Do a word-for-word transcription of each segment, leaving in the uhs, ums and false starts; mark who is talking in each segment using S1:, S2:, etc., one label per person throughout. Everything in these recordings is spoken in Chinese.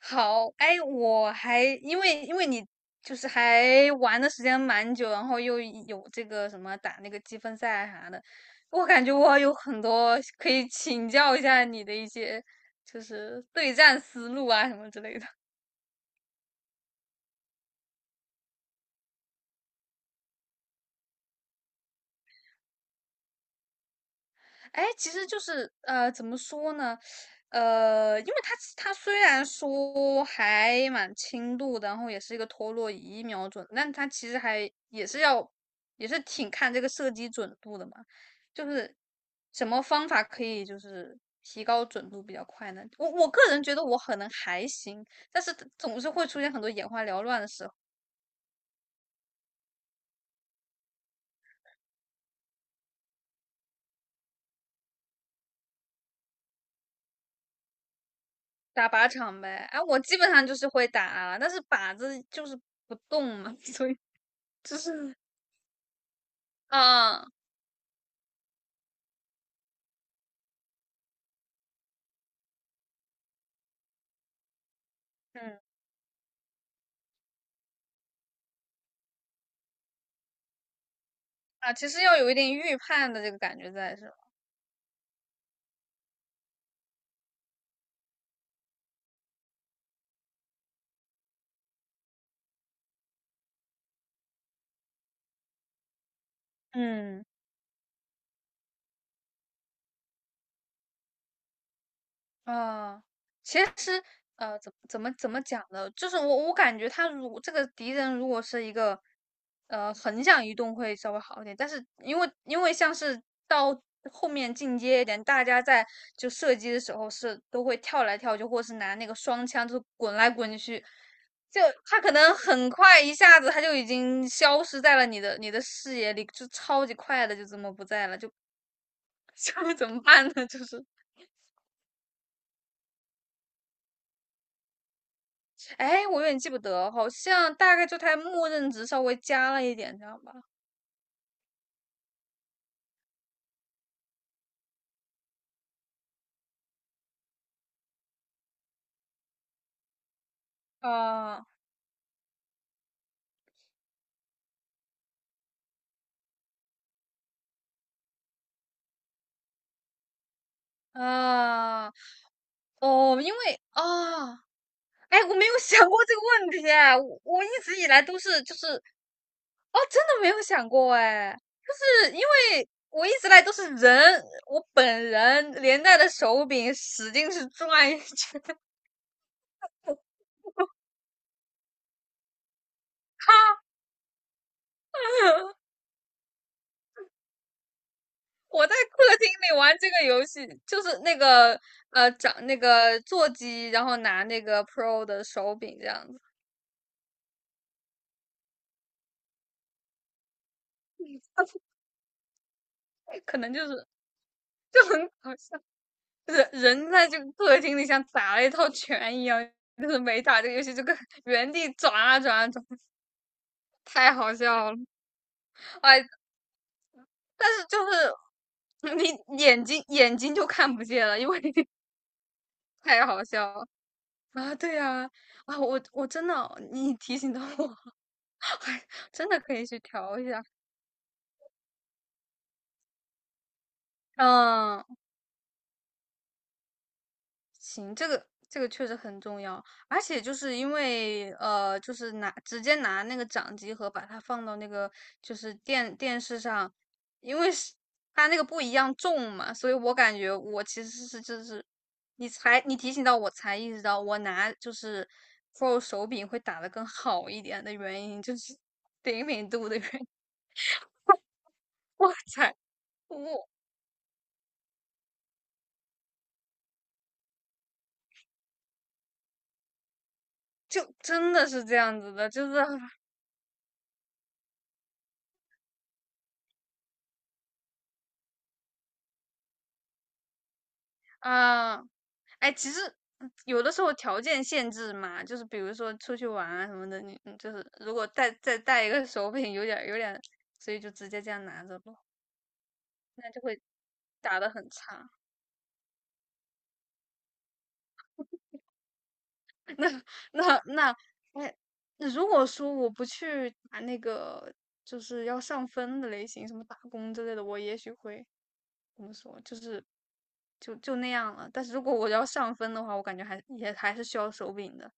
S1: 好，哎，我还因为因为你就是还玩的时间蛮久，然后又有这个什么打那个积分赛啥的，我感觉我有很多可以请教一下你的一些就是对战思路啊什么之类的。哎，其实就是呃，怎么说呢？呃，因为他他虽然说还蛮轻度的，然后也是一个陀螺仪瞄准，但他其实还也是要也是挺看这个射击准度的嘛。就是什么方法可以就是提高准度比较快呢？我我个人觉得我可能还行，但是总是会出现很多眼花缭乱的时候。打靶场呗，哎、我基本上就是会打，但是靶子就是不动嘛，所以就是。嗯嗯啊，其实要有一点预判的这个感觉在，是吧？嗯。啊，其实，呃，怎怎么怎么讲呢？就是我我感觉他如这个敌人如果是一个，呃，横向移动会稍微好一点，但是因为因为像是到后面进阶一点，大家在就射击的时候是都会跳来跳去，或是拿那个双枪就是滚来滚去，就他可能很快一下子他就已经消失在了你的你的视野里，就超级快的就这么不在了，就 面怎么办呢？就是。哎，我有点记不得，好像大概就它默认值稍微加了一点，这样吧。啊啊哦，因为啊，哎，我没有想过这个问题哎，我我一直以来都是就是哦，真的没有想过哎，就是因为我一直来都是人，我本人连带着手柄使劲是转一圈，哈，我在客厅里玩这个游戏，就是那个呃，掌那个座机，然后拿那个 Pro 的手柄这样子，可能就是就很搞笑，就是人在这个客厅里像打了一套拳一样，就是没打这个游戏就跟原地转啊转啊转，太好笑了。哎，但是就是你眼睛眼睛就看不见了，因为 太好笑了啊！对啊，啊，我我真的你提醒到我，真的可以去调一下。嗯，行，这个这个确实很重要，而且就是因为呃，就是拿直接拿那个掌机盒把它放到那个就是电电视上，因为是它那个不一样重嘛，所以我感觉我其实是就是你才你提醒到我才意识到我拿就是 Pro 手柄会打得更好一点的原因就是灵敏度的原因，我才我就真的是这样子的，就是啊。哎，其实嗯有的时候条件限制嘛，就是比如说出去玩啊什么的，你你就是如果带再带一个手柄，有点有点所以就直接这样拿着咯，那就会打得很差。那那那，那如果说我不去打那个就是要上分的类型，什么打工之类的，我也许会怎么说，就是就就那样了。但是如果我要上分的话，我感觉还也还是需要手柄的。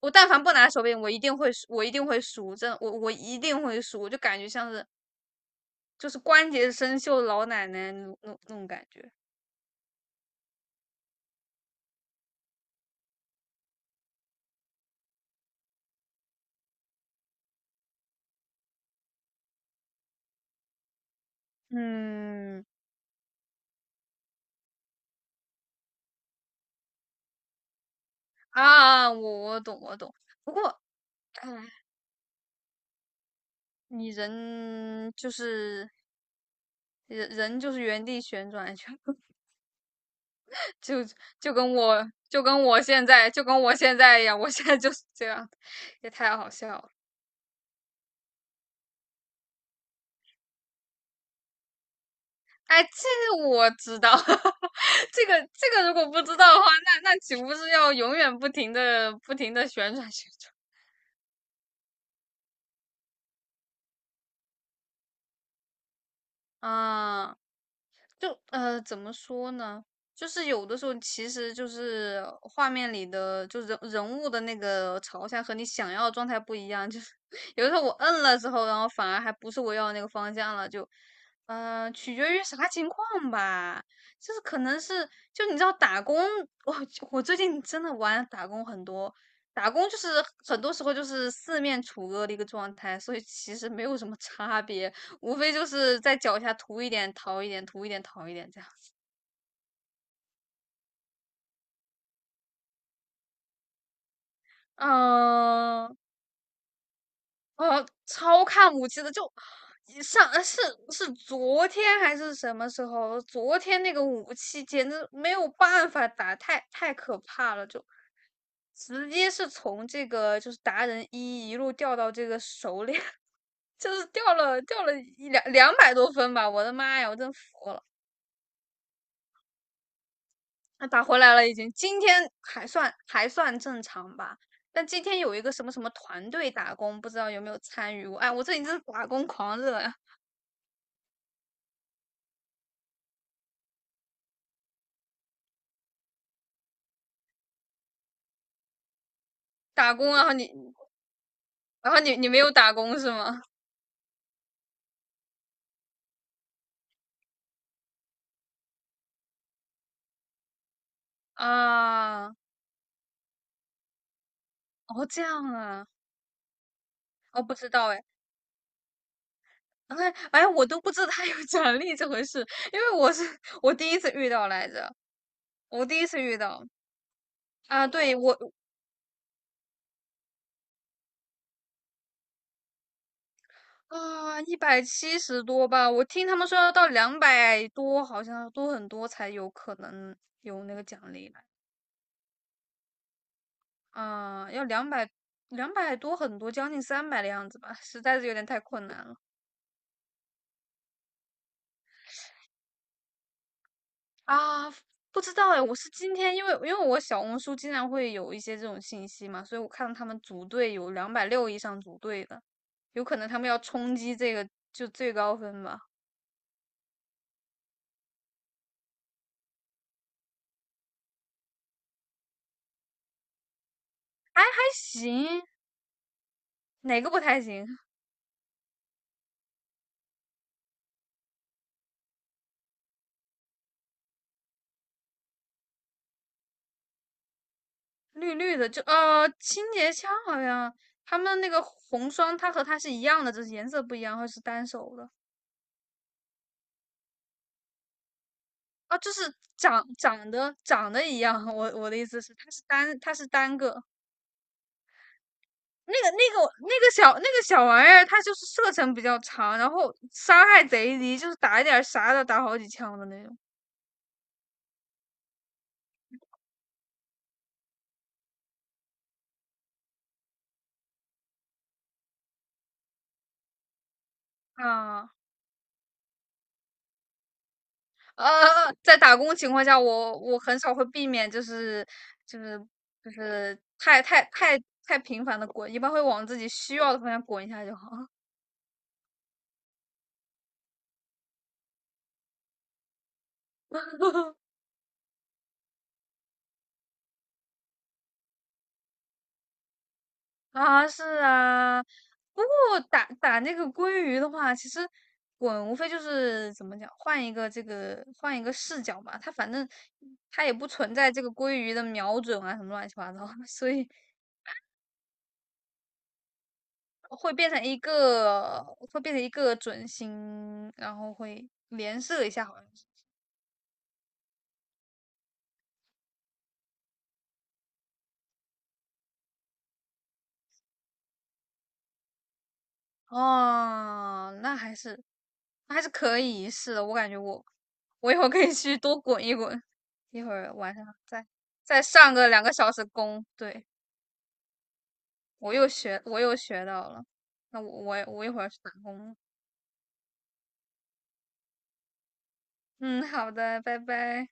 S1: 我但凡不拿手柄，我一定会输，我一定会输，真的，我我一定会输，就感觉像是就是关节生锈的老奶奶那那那种感觉。嗯啊，啊我我懂我懂。不过，哎，你人就是人人就是原地旋转，就就就跟我就跟我现在就跟我现在一样，我现在就是这样，也太好笑了。哎，这个我知道，这个这个如果不知道的话，那那岂不是要永远不停的不停的旋转旋转？啊，就呃，怎么说呢？就是有的时候，其实就是画面里的，就人人物的那个朝向和你想要的状态不一样。就是 有的时候我摁了之后，然后反而还不是我要的那个方向了，就嗯、呃取决于啥情况吧。就是可能是，就你知道打工，我我最近真的玩打工很多，打工就是很多时候就是四面楚歌的一个状态，所以其实没有什么差别。无非就是在脚下涂一点，逃一点，涂一点，逃一点这样子。嗯、哦，呃超看武器的，就上呃是是昨天还是什么时候？昨天那个武器简直没有办法打，太太可怕了，就直接是从这个就是达人一一路掉到这个熟练，就是掉了掉了一两两百多分吧！我的妈呀，我真服了。他打回来了，已经今天还算还算正常吧。但今天有一个什么什么团队打工，不知道有没有参与过？哎，我这里真是打工狂热呀！啊打工啊，然后你，然后你，你没有打工是吗？啊，哦，这样啊，哦，不知道哎，哎，哎，我都不知道他 有奖励这回事，因为我是我第一次遇到来着，我第一次遇到啊。对，我啊，一百七十多吧，我听他们说要到两百多，好像多很多才有可能有那个奖励来。啊，要两百两百多很多，将近三百的样子吧，实在是有点太困难了啊！不知道哎，我是今天因为因为我小红书经常会有一些这种信息嘛，所以我看到他们组队有两百六以上组队的，有可能他们要冲击这个就最高分吧？还行，哪个不太行？绿绿的，就呃，清洁枪好像他们那个红双，它和它是一样的，只是颜色不一样，或者是单手的啊，就是长长得长得一样。我我的意思是，它是单它是单个那个那个那个小那个小玩意儿，它就是射程比较长，然后伤害贼低，就是打一点儿啥的打好几枪的那种啊。呃，在打工情况下，我我很少会避免，就是就是就是太太太太频繁的滚，一般会往自己需要的方向滚一下就好。啊，是啊，不过打打那个鲑鱼的话，其实滚无非就是怎么讲，换一个这个换一个视角吧。它反正它也不存在这个鲑鱼的瞄准啊什么乱七八糟的所以会变成一个会变成一个准星，然后会连射一下，好像。是。哦，那还是那还是可以，是的，我感觉我我一会儿可以去多滚一滚，一会儿晚上再再上个两个小时工，对，我又学我又学到了，那我我我一会儿去打工了嗯，好的，拜拜。